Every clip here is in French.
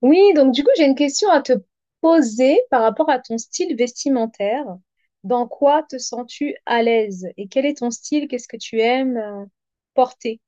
Oui, donc du coup, j'ai une question à te poser par rapport à ton style vestimentaire. Dans quoi te sens-tu à l'aise? Et quel est ton style? Qu'est-ce que tu aimes porter?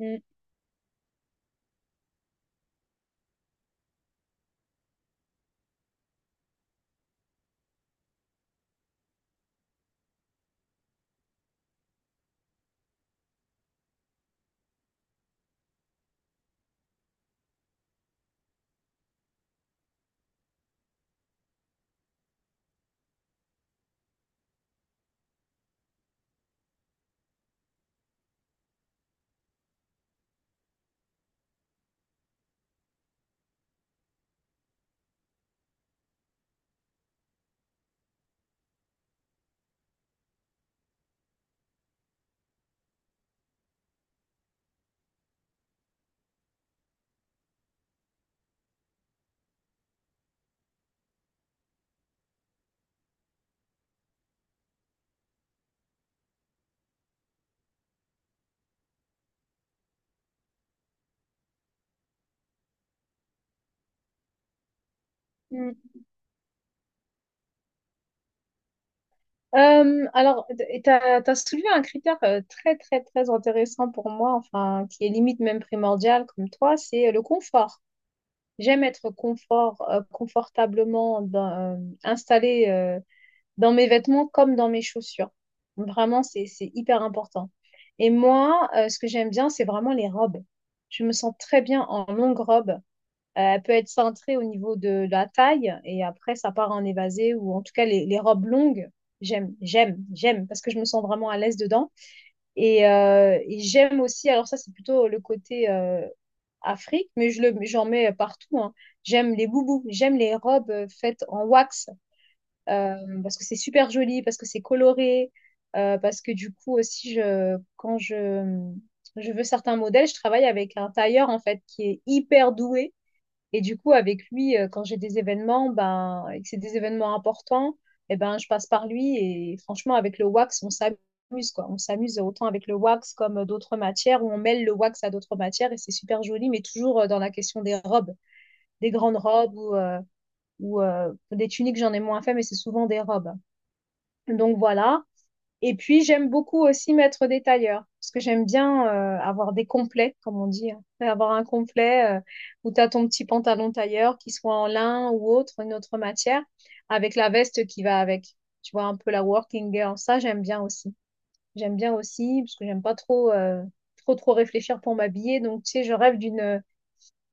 Mm, mm. Alors, tu as soulevé un critère très, très, très intéressant pour moi, enfin, qui est limite même primordial comme toi, c'est le confort. J'aime être confortablement installée dans mes vêtements comme dans mes chaussures. Vraiment, c'est hyper important. Et moi, ce que j'aime bien, c'est vraiment les robes. Je me sens très bien en longue robe. Elle peut être cintrée au niveau de la taille et après, ça part en évasé ou en tout cas, les robes longues, j'aime parce que je me sens vraiment à l'aise dedans. Et j'aime aussi, alors ça, c'est plutôt le côté Afrique, mais j'en mets partout, hein. J'aime les boubous, j'aime les robes faites en wax parce que c'est super joli, parce que c'est coloré, parce que du coup aussi, quand je veux certains modèles, je travaille avec un tailleur en fait qui est hyper doué. Et du coup, avec lui, quand j'ai des événements, ben, et que c'est des événements importants, eh ben, je passe par lui. Et franchement, avec le wax, on s'amuse, quoi. On s'amuse autant avec le wax comme d'autres matières, où on mêle le wax à d'autres matières et c'est super joli, mais toujours dans la question des robes, des grandes robes ou des tuniques, j'en ai moins fait, mais c'est souvent des robes. Donc voilà. Et puis j'aime beaucoup aussi mettre des tailleurs, parce que j'aime bien avoir des complets, comme on dit, hein. Avoir un complet où tu as ton petit pantalon tailleur, qui soit en lin ou autre, une autre matière, avec la veste qui va avec. Tu vois, un peu la working girl. Ça, j'aime bien aussi. J'aime bien aussi, parce que j'aime pas trop, trop réfléchir pour m'habiller. Donc, tu sais, je rêve d'une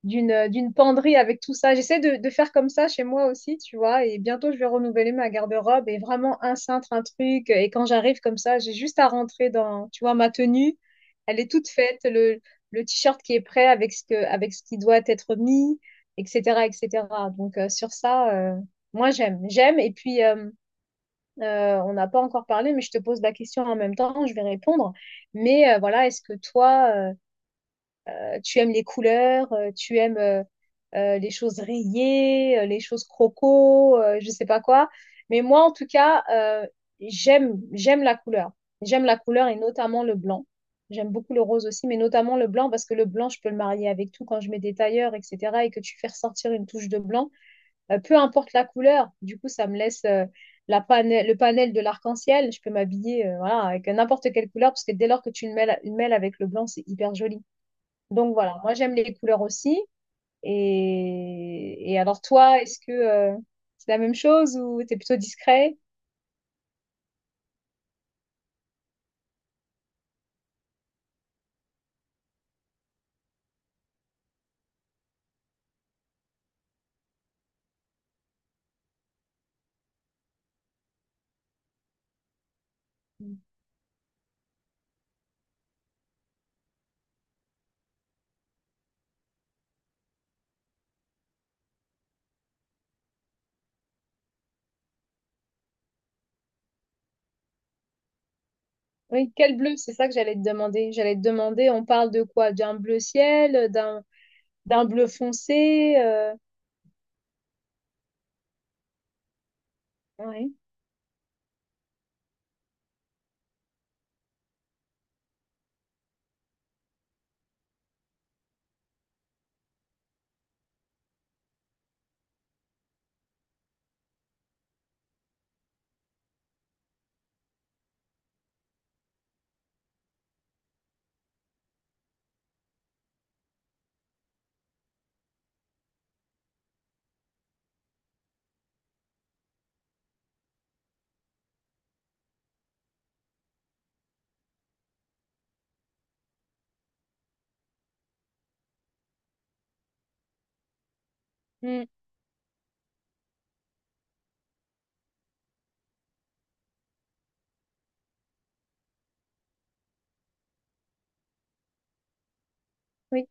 d'une euh, d'une penderie avec tout ça. J'essaie de faire comme ça chez moi aussi, tu vois, et bientôt je vais renouveler ma garde-robe et vraiment un cintre, un truc. Et quand j'arrive comme ça, j'ai juste à rentrer dans, tu vois, ma tenue, elle est toute faite, le t-shirt qui est prêt avec avec ce qui doit être mis, etc., etc. Donc sur ça, moi j'aime. Et puis on n'a pas encore parlé, mais je te pose la question en même temps, je vais répondre. Mais voilà, est-ce que toi tu aimes les couleurs, tu aimes les choses rayées, les choses croco, je sais pas quoi. Mais moi, en tout cas, j'aime la couleur. J'aime la couleur et notamment le blanc. J'aime beaucoup le rose aussi, mais notamment le blanc parce que le blanc, je peux le marier avec tout quand je mets des tailleurs, etc. Et que tu fais ressortir une touche de blanc, peu importe la couleur. Du coup, ça me laisse le panel de l'arc-en-ciel. Je peux m'habiller voilà, avec n'importe quelle couleur parce que dès lors que tu le mêles avec le blanc, c'est hyper joli. Donc voilà, moi j'aime les couleurs aussi. Et alors toi, est-ce que c'est la même chose ou t'es plutôt discret? Oui, quel bleu? C'est ça que j'allais te demander. J'allais te demander, on parle de quoi? D'un bleu ciel, d'un bleu foncé. Euh, ouais. Mm, oui,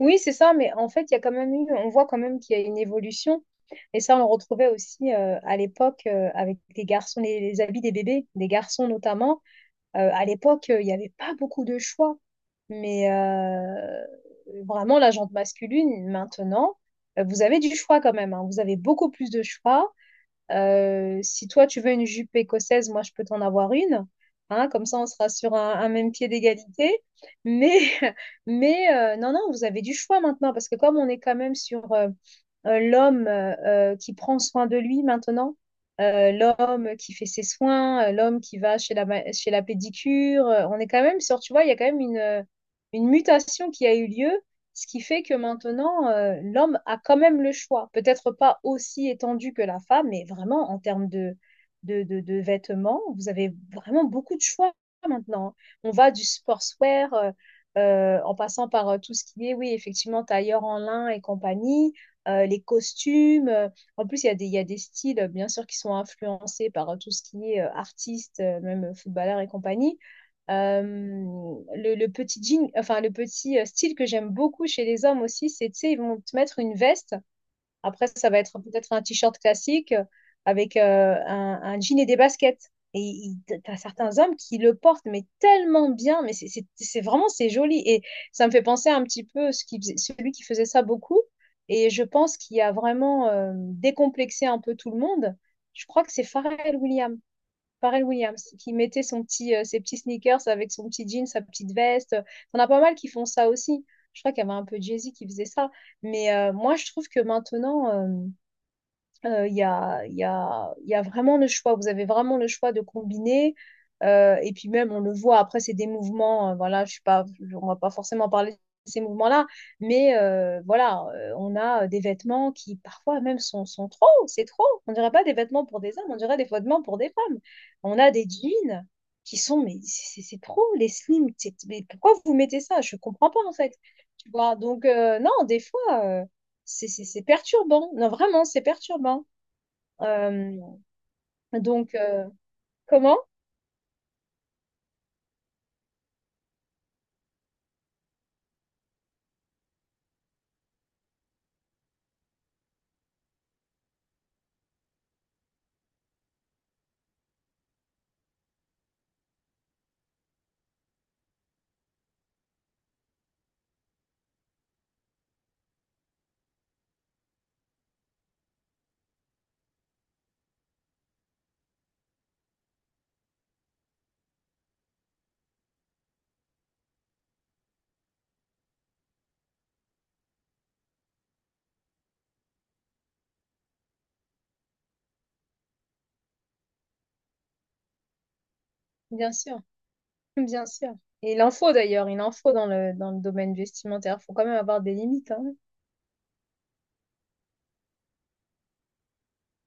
oui, c'est ça. Mais en fait, il y a quand même eu, on voit quand même qu'il y a une évolution. Et ça, on le retrouvait aussi à l'époque avec les garçons, les habits des bébés, des garçons notamment. À l'époque, il n'y avait pas beaucoup de choix. Mais vraiment, la jante masculine, maintenant, vous avez du choix quand même, hein. Vous avez beaucoup plus de choix. Si toi, tu veux une jupe écossaise, moi, je peux t'en avoir une. Hein, comme ça, on sera sur un même pied d'égalité. Mais, mais non, non, vous avez du choix maintenant parce que comme on est quand même sur l'homme qui prend soin de lui maintenant, l'homme qui fait ses soins, l'homme qui va chez la pédicure. On est quand même sur, tu vois, il y a quand même une mutation qui a eu lieu, ce qui fait que maintenant, l'homme a quand même le choix. Peut-être pas aussi étendu que la femme, mais vraiment en termes de vêtements, vous avez vraiment beaucoup de choix maintenant. On va du sportswear. En passant par tout ce qui est, oui, effectivement, tailleur en lin et compagnie, les costumes. En plus, il y a des styles, bien sûr, qui sont influencés par tout ce qui est artiste, même footballeur et compagnie. Le petit jean, enfin, le petit style que j'aime beaucoup chez les hommes aussi, c'est, tu sais, ils vont te mettre une veste. Après, ça va être peut-être un t-shirt classique avec un jean et des baskets. T'as certains hommes qui le portent, mais tellement bien, mais c'est vraiment, c'est joli. Et ça me fait penser un petit peu celui qui faisait ça beaucoup. Et je pense qu'il a vraiment décomplexé un peu tout le monde. Je crois que c'est Pharrell Williams. Pharrell Williams, qui mettait son ses petits sneakers avec son petit jean, sa petite veste. Enfin, on a pas mal qui font ça aussi. Je crois qu'il y avait un peu Jay-Z qui faisait ça. Mais moi, je trouve que maintenant, il y a, il y a vraiment le choix. Vous avez vraiment le choix de combiner. Et puis même, on le voit, après, c'est des mouvements. Voilà, je suis pas, je- on va pas forcément parler de ces mouvements-là. Mais voilà, on a des vêtements qui parfois même sont trop. C'est trop. On dirait pas des vêtements pour des hommes, on dirait des vêtements pour des femmes. On a des jeans qui sont, mais c'est trop, les slims. Mais pourquoi vous mettez ça? Je comprends pas, en fait. Tu vois, donc non, des fois, c'est perturbant. Non, vraiment, c'est perturbant. Euh, donc, euh, comment? Bien sûr, bien sûr. Et il en faut d'ailleurs, il en faut dans le domaine vestimentaire. Il faut quand même avoir des limites, hein.